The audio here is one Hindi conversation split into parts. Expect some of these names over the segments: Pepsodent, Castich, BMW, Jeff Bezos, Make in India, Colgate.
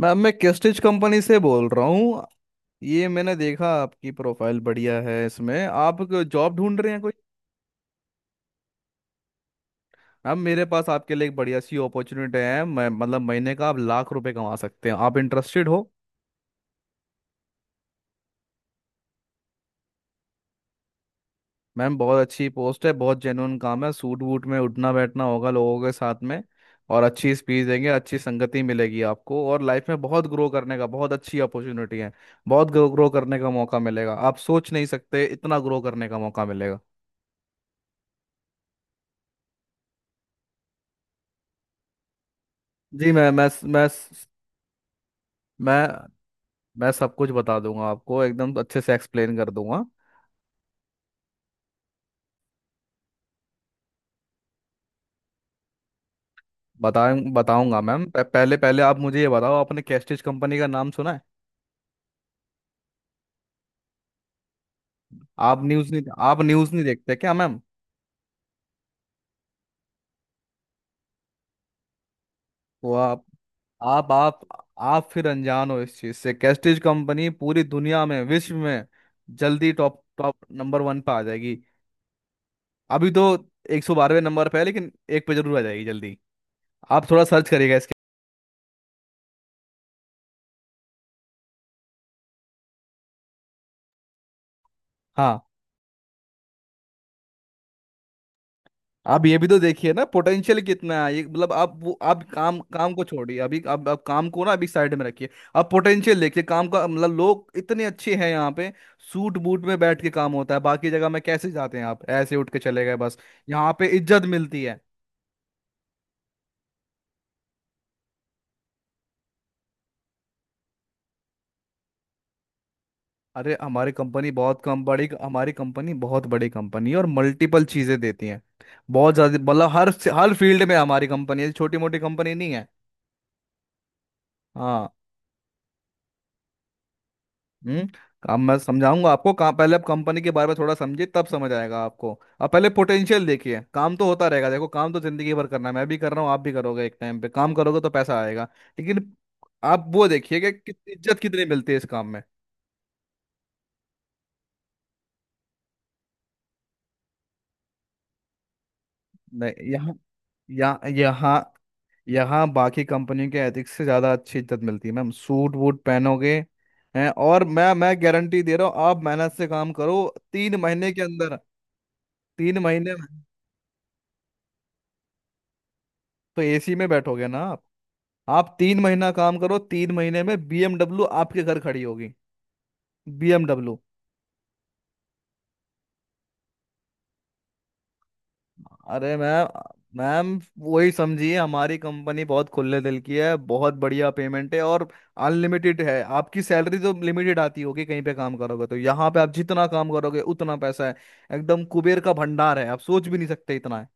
मैम मैं केस्टिच कंपनी से बोल रहा हूँ। ये मैंने देखा आपकी प्रोफाइल बढ़िया है, इसमें आप जॉब ढूंढ रहे हैं कोई। मैम मेरे पास आपके लिए एक बढ़िया सी अपॉर्चुनिटी है। मैं मतलब महीने का आप लाख रुपए कमा सकते हैं। आप इंटरेस्टेड हो? मैम बहुत अच्छी पोस्ट है, बहुत जेन्युइन काम है। सूट वूट में उठना बैठना होगा लोगों के साथ में, और अच्छी स्पीच देंगे, अच्छी संगति मिलेगी आपको, और लाइफ में बहुत ग्रो करने का बहुत अच्छी अपॉर्चुनिटी है। बहुत ग्रो करने का मौका मिलेगा। आप सोच नहीं सकते इतना ग्रो करने का मौका मिलेगा। जी मैं मैं सब कुछ बता दूंगा आपको, एकदम अच्छे से एक्सप्लेन कर दूंगा। बताए बताऊंगा मैम। प- पहले पहले आप मुझे ये बताओ, आपने कैस्टिज कंपनी का नाम सुना है? आप न्यूज़ नहीं आप न्यूज़ नहीं देखते क्या मैम? वो आप आप आप फिर अनजान हो इस चीज़ से। कैस्टिज कंपनी पूरी दुनिया में विश्व में जल्दी टॉप टॉप नंबर वन पे आ जाएगी। अभी तो 112वें नंबर पे है, लेकिन एक पे जरूर आ जाएगी जल्दी। आप थोड़ा सर्च करिएगा इसके। हाँ, आप ये भी तो देखिए ना, पोटेंशियल कितना है ये, मतलब आप वो आप काम काम को छोड़िए अभी। आप काम को ना अभी साइड में रखिए। आप पोटेंशियल देखिए काम का। मतलब लोग इतने अच्छे हैं यहाँ पे। सूट बूट में बैठ के काम होता है। बाकी जगह में कैसे जाते हैं आप? ऐसे उठ के चले गए बस। यहाँ पे इज्जत मिलती है। अरे हमारी कंपनी बहुत बड़ी कंपनी है, और मल्टीपल चीजें देती है। बहुत ज्यादा, मतलब हर हर फील्ड में हमारी कंपनी है। छोटी मोटी कंपनी नहीं है। हाँ। हम्म। अब मैं समझाऊंगा आपको काम। पहले आप कंपनी के बारे में थोड़ा समझिए, तब समझ आएगा आपको। अब पहले पोटेंशियल देखिए। काम तो होता रहेगा। देखो काम तो जिंदगी भर करना है, मैं भी कर रहा हूँ, आप भी करोगे। एक टाइम पे काम करोगे तो पैसा आएगा, लेकिन आप वो देखिए कि कितनी इज्जत कितनी मिलती है इस काम में। नहीं, यहाँ यहाँ यहाँ यहाँ बाकी कंपनियों के एथिक्स से ज़्यादा अच्छी इज्जत मिलती है मैम। सूट वूट पहनोगे, हैं? और मैं गारंटी दे रहा हूँ, आप मेहनत से काम करो, 3 महीने के अंदर, 3 महीने में तो एसी में बैठोगे ना आप। आप 3 महीना काम करो, तीन महीने में बीएमडब्ल्यू आपके घर खड़ी होगी। बीएमडब्ल्यू। अरे मैम। मैम, वही समझिए, हमारी कंपनी बहुत खुले दिल की है। बहुत बढ़िया पेमेंट है, और अनलिमिटेड है आपकी सैलरी। तो लिमिटेड आती होगी कहीं पे काम करोगे, तो यहाँ पे आप जितना काम करोगे उतना पैसा है। एकदम कुबेर का भंडार है, आप सोच भी नहीं सकते इतना है।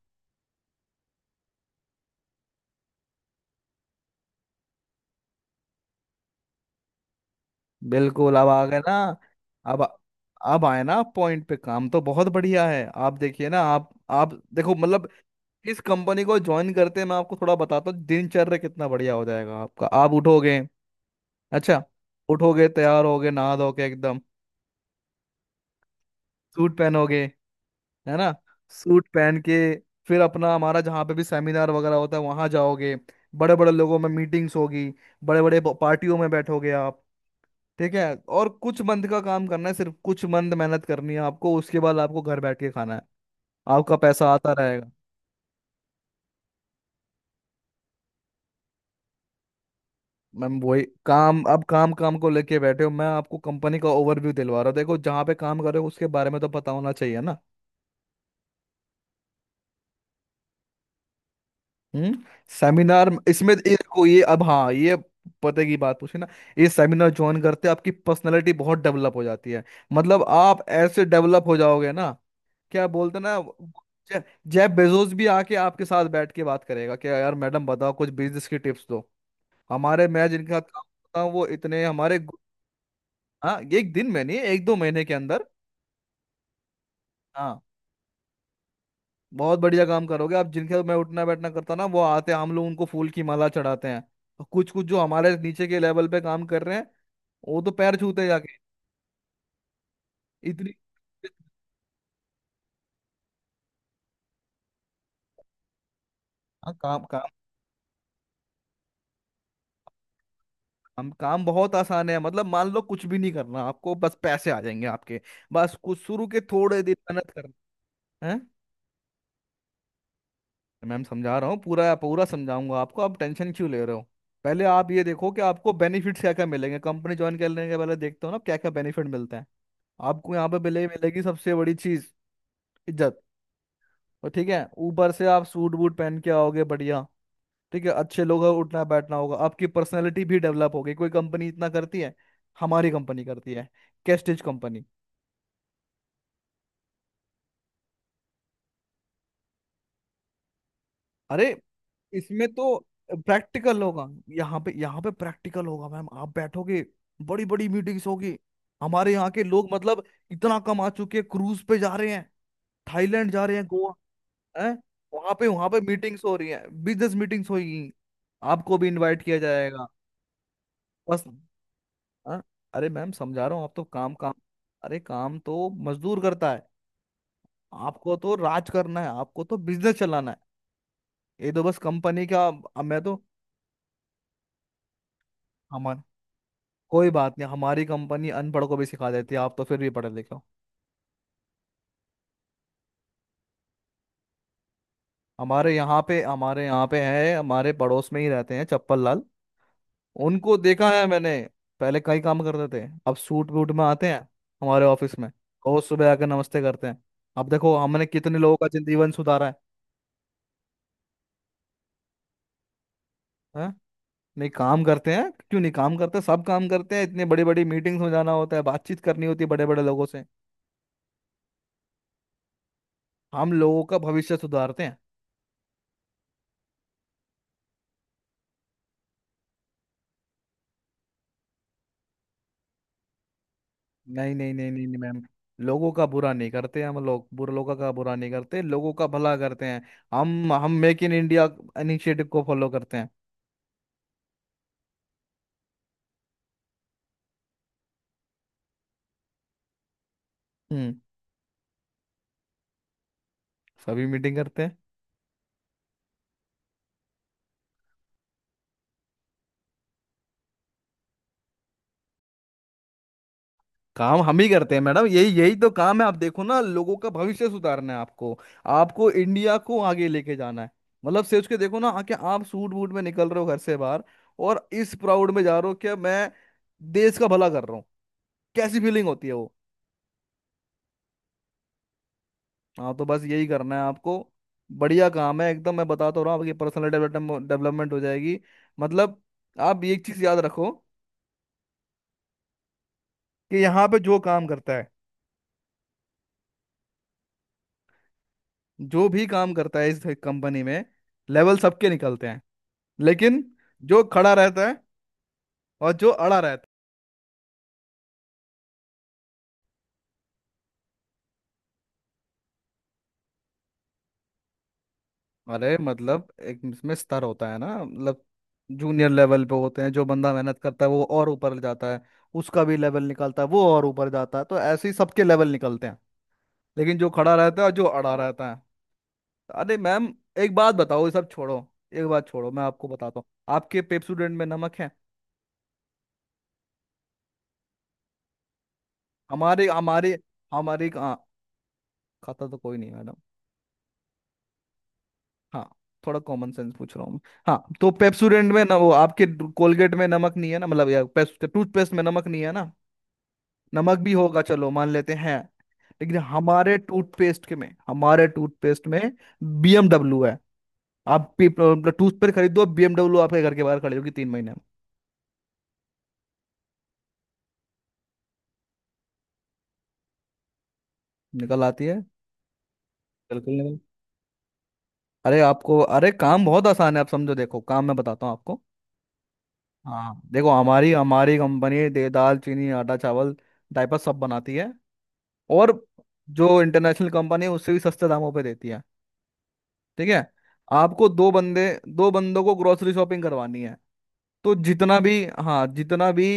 बिल्कुल, अब आ गए ना। अब अब आए ना पॉइंट पे। काम तो बहुत बढ़िया है, आप देखिए ना। आप देखो, मतलब इस कंपनी को ज्वाइन करते हैं, मैं आपको थोड़ा बताता हूँ दिनचर्या कितना बढ़िया हो जाएगा आपका। आप उठोगे। अच्छा, उठोगे, तैयार होगे नहा धोके एकदम, सूट पहनोगे, है ना। सूट पहन के फिर अपना, हमारा जहाँ पे भी सेमिनार वगैरह होता है वहाँ जाओगे। बड़े बड़े लोगों में मीटिंग्स होगी। बड़े बड़े पार्टियों में बैठोगे आप। ठीक है। और कुछ मंथ का काम करना है, सिर्फ कुछ मंथ मेहनत करनी है आपको, उसके बाद आपको घर बैठ के खाना है, आपका पैसा आता रहेगा। मैम वही काम। अब काम काम को लेके बैठे हो, मैं आपको कंपनी का ओवरव्यू दिलवा रहा हूँ। देखो, जहाँ पे काम कर रहे हो उसके बारे में तो पता होना चाहिए ना। हम्म। सेमिनार इसमें, ये देखो, ये अब, हाँ, ये पते की बात पूछी ना। ये सेमिनार ज्वाइन करते आपकी पर्सनैलिटी बहुत डेवलप हो जाती है। मतलब आप ऐसे डेवलप हो जाओगे ना, क्या बोलते हैं ना। जे- जेफ बेजोस भी आके आपके साथ बैठ के बात करेगा कि यार मैडम बताओ कुछ बिजनेस की टिप्स दो। हमारे, मैं जिनका काम करता हूँ वो इतने, हमारे। हाँ एक दिन में नहीं, एक दो महीने के अंदर। हाँ, बहुत बढ़िया काम करोगे आप। जिनके साथ मैं उठना बैठना करता ना, वो आते हैं, हम लोग उनको फूल की माला चढ़ाते हैं। और कुछ कुछ जो हमारे नीचे के लेवल पे काम कर रहे हैं, वो तो पैर छूते हैं जाके। इतनी। हाँ, काम काम, काम काम बहुत आसान है। मतलब मान लो कुछ भी नहीं करना आपको, बस पैसे आ जाएंगे आपके। बस कुछ शुरू के थोड़े दिन मेहनत करना है। मैम समझा रहा हूँ, पूरा पूरा समझाऊंगा आपको, आप टेंशन क्यों ले रहे हो? पहले आप ये देखो कि आपको बेनिफिट्स क्या क्या मिलेंगे। कंपनी ज्वाइन करने के पहले देखते हो ना क्या क्या बेनिफिट मिलते हैं? आपको यहाँ पे मिलेगी सबसे बड़ी चीज, इज्जत। और ठीक है, ऊपर से आप सूट बूट पहन के आओगे बढ़िया। ठीक है, अच्छे लोग हैं, उठना बैठना होगा, आपकी पर्सनैलिटी भी डेवलप होगी। कोई कंपनी इतना करती है? हमारी कंपनी करती है, कैस्टिज कंपनी। अरे इसमें तो प्रैक्टिकल होगा। यहाँ पे प्रैक्टिकल होगा मैम। आप बैठोगे, बड़ी बड़ी मीटिंग्स होगी। हमारे यहाँ के लोग, मतलब इतना कमा चुके हैं, क्रूज पे जा रहे हैं, थाईलैंड जा रहे हैं, गोवा है। वहां पे मीटिंग्स हो रही है। बिजनेस मीटिंग्स होगी, आपको भी इनवाइट किया जाएगा। बस। हाँ। अरे मैम समझा रहा हूँ, आप तो काम काम। अरे काम तो मजदूर करता है। आपको तो राज करना है, आपको तो बिजनेस चलाना है। ये तो बस कंपनी का, अब मैं तो, हमारे। कोई बात नहीं, हमारी कंपनी अनपढ़ को भी सिखा देती है, आप तो फिर भी पढ़े लिखे हो। हमारे यहाँ पे है, हमारे पड़ोस में ही रहते हैं, चप्पल लाल। उनको देखा है मैंने। पहले कई काम करते थे, अब सूट वूट में आते हैं हमारे ऑफिस में। रोज सुबह आकर नमस्ते करते हैं। अब देखो हमने कितने लोगों का जीवन सुधारा है। हैं? नहीं काम करते हैं? क्यों नहीं काम करते, सब काम करते हैं। इतने बड़ी बड़ी मीटिंग्स में जाना होता है, बातचीत करनी होती है बड़े बड़े लोगों से। हम लोगों का भविष्य सुधारते हैं। नहीं नहीं नहीं नहीं, नहीं मैम। लोगों का बुरा नहीं करते हम लोग, बुरे लोगों का बुरा नहीं करते, लोगों का भला करते हैं। हम मेक इन इंडिया इनिशिएटिव को फॉलो करते हैं। हम्म। सभी मीटिंग करते हैं। काम हम ही करते हैं मैडम, यही यही तो काम है। आप देखो ना, लोगों का भविष्य सुधारना है आपको, आपको इंडिया को आगे लेके जाना है। मतलब सोच के देखो ना, आके आप सूट बूट में निकल रहे हो घर से बाहर, और इस प्राउड में जा रहे हो कि मैं देश का भला कर रहा हूँ। कैसी फीलिंग होती है वो? हाँ तो बस यही करना है आपको, बढ़िया काम है एकदम। मैं बता तो रहा हूँ, आपकी पर्सनल डेवलपमेंट डेवलपमेंट हो जाएगी। मतलब आप एक चीज याद रखो, कि यहाँ पे जो काम करता है, जो भी काम करता है इस कंपनी में, लेवल सबके निकलते हैं, लेकिन जो खड़ा रहता है और जो अड़ा रहता है। अरे मतलब एक इसमें स्तर होता है ना, मतलब जूनियर लेवल पे होते हैं, जो बंदा मेहनत करता है वो और ऊपर जाता है, उसका भी लेवल निकलता है, वो और ऊपर जाता है, तो ऐसे ही सबके लेवल निकलते हैं। लेकिन जो खड़ा रहता है और जो अड़ा रहता है, अरे मैम एक बात बताओ, ये सब छोड़ो, एक बात छोड़ो, मैं आपको बताता हूँ। आपके पेप स्टूडेंट में नमक है? हमारे हमारे हमारी, हाँ, खाता तो कोई नहीं मैडम, हाँ, थोड़ा कॉमन सेंस पूछ रहा हूँ मैं। हाँ तो पेप्सोडेंट में ना, वो आपके कोलगेट में नमक नहीं है ना, मतलब या टूथपेस्ट में नमक नहीं है ना? नमक भी होगा, चलो मान लेते हैं। लेकिन हमारे टूथपेस्ट में बीएमडब्ल्यू है। आप टूथपेस्ट खरीदो, बीएमडब्ल्यू आपके घर के बाहर खड़ी होगी 3 महीने में। निकल आती है, बिल्कुल निकल। अरे आपको, अरे काम बहुत आसान है, आप समझो, देखो काम मैं बताता हूँ आपको। हाँ देखो, हमारी हमारी कंपनी दे दाल, चीनी, आटा, चावल, डायपर सब बनाती है, और जो इंटरनेशनल कंपनी है उससे भी सस्ते दामों पे देती है। ठीक है, आपको दो बंदों को ग्रोसरी शॉपिंग करवानी है। तो जितना भी, हाँ, जितना भी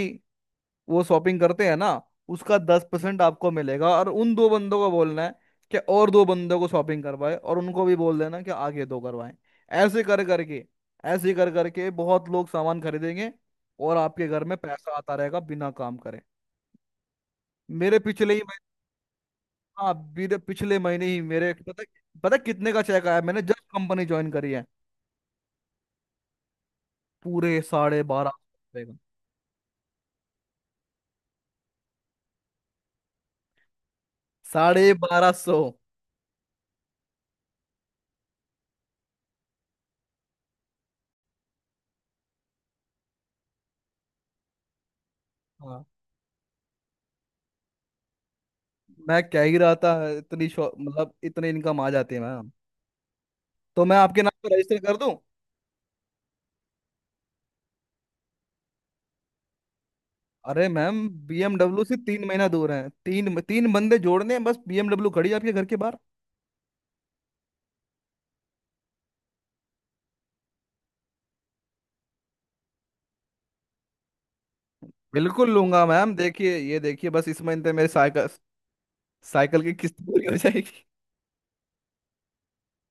वो शॉपिंग करते हैं ना, उसका 10% आपको मिलेगा। और उन दो बंदों को बोलना है कि और दो बंदों को शॉपिंग करवाए, और उनको भी बोल देना कि आगे दो करवाएं। ऐसे कर करके ऐसे कर करके बहुत लोग सामान खरीदेंगे, और आपके घर में पैसा आता रहेगा बिना काम करे। मेरे पिछले ही हाँ, बीते पिछले महीने ही मेरे, पता पता कितने का चेक आया, मैंने जब कंपनी ज्वाइन करी है, पूरे 1250 का। 1250। हाँ। मैं कह ही रहा था, इतनी मतलब इतनी इनकम आ जाती है मैम, तो मैं आपके नाम पर रजिस्टर कर दूं? अरे मैम, बीएमडब्ल्यू से 3 महीना दूर है, तीन तीन बंदे जोड़ने हैं, बस बीएमडब्ल्यू खड़ी है आपके घर के बाहर। बिल्कुल लूंगा मैम, देखिए, ये देखिए बस इस महीने मेरे साइकिल साइकिल की किस्त पूरी हो जाएगी।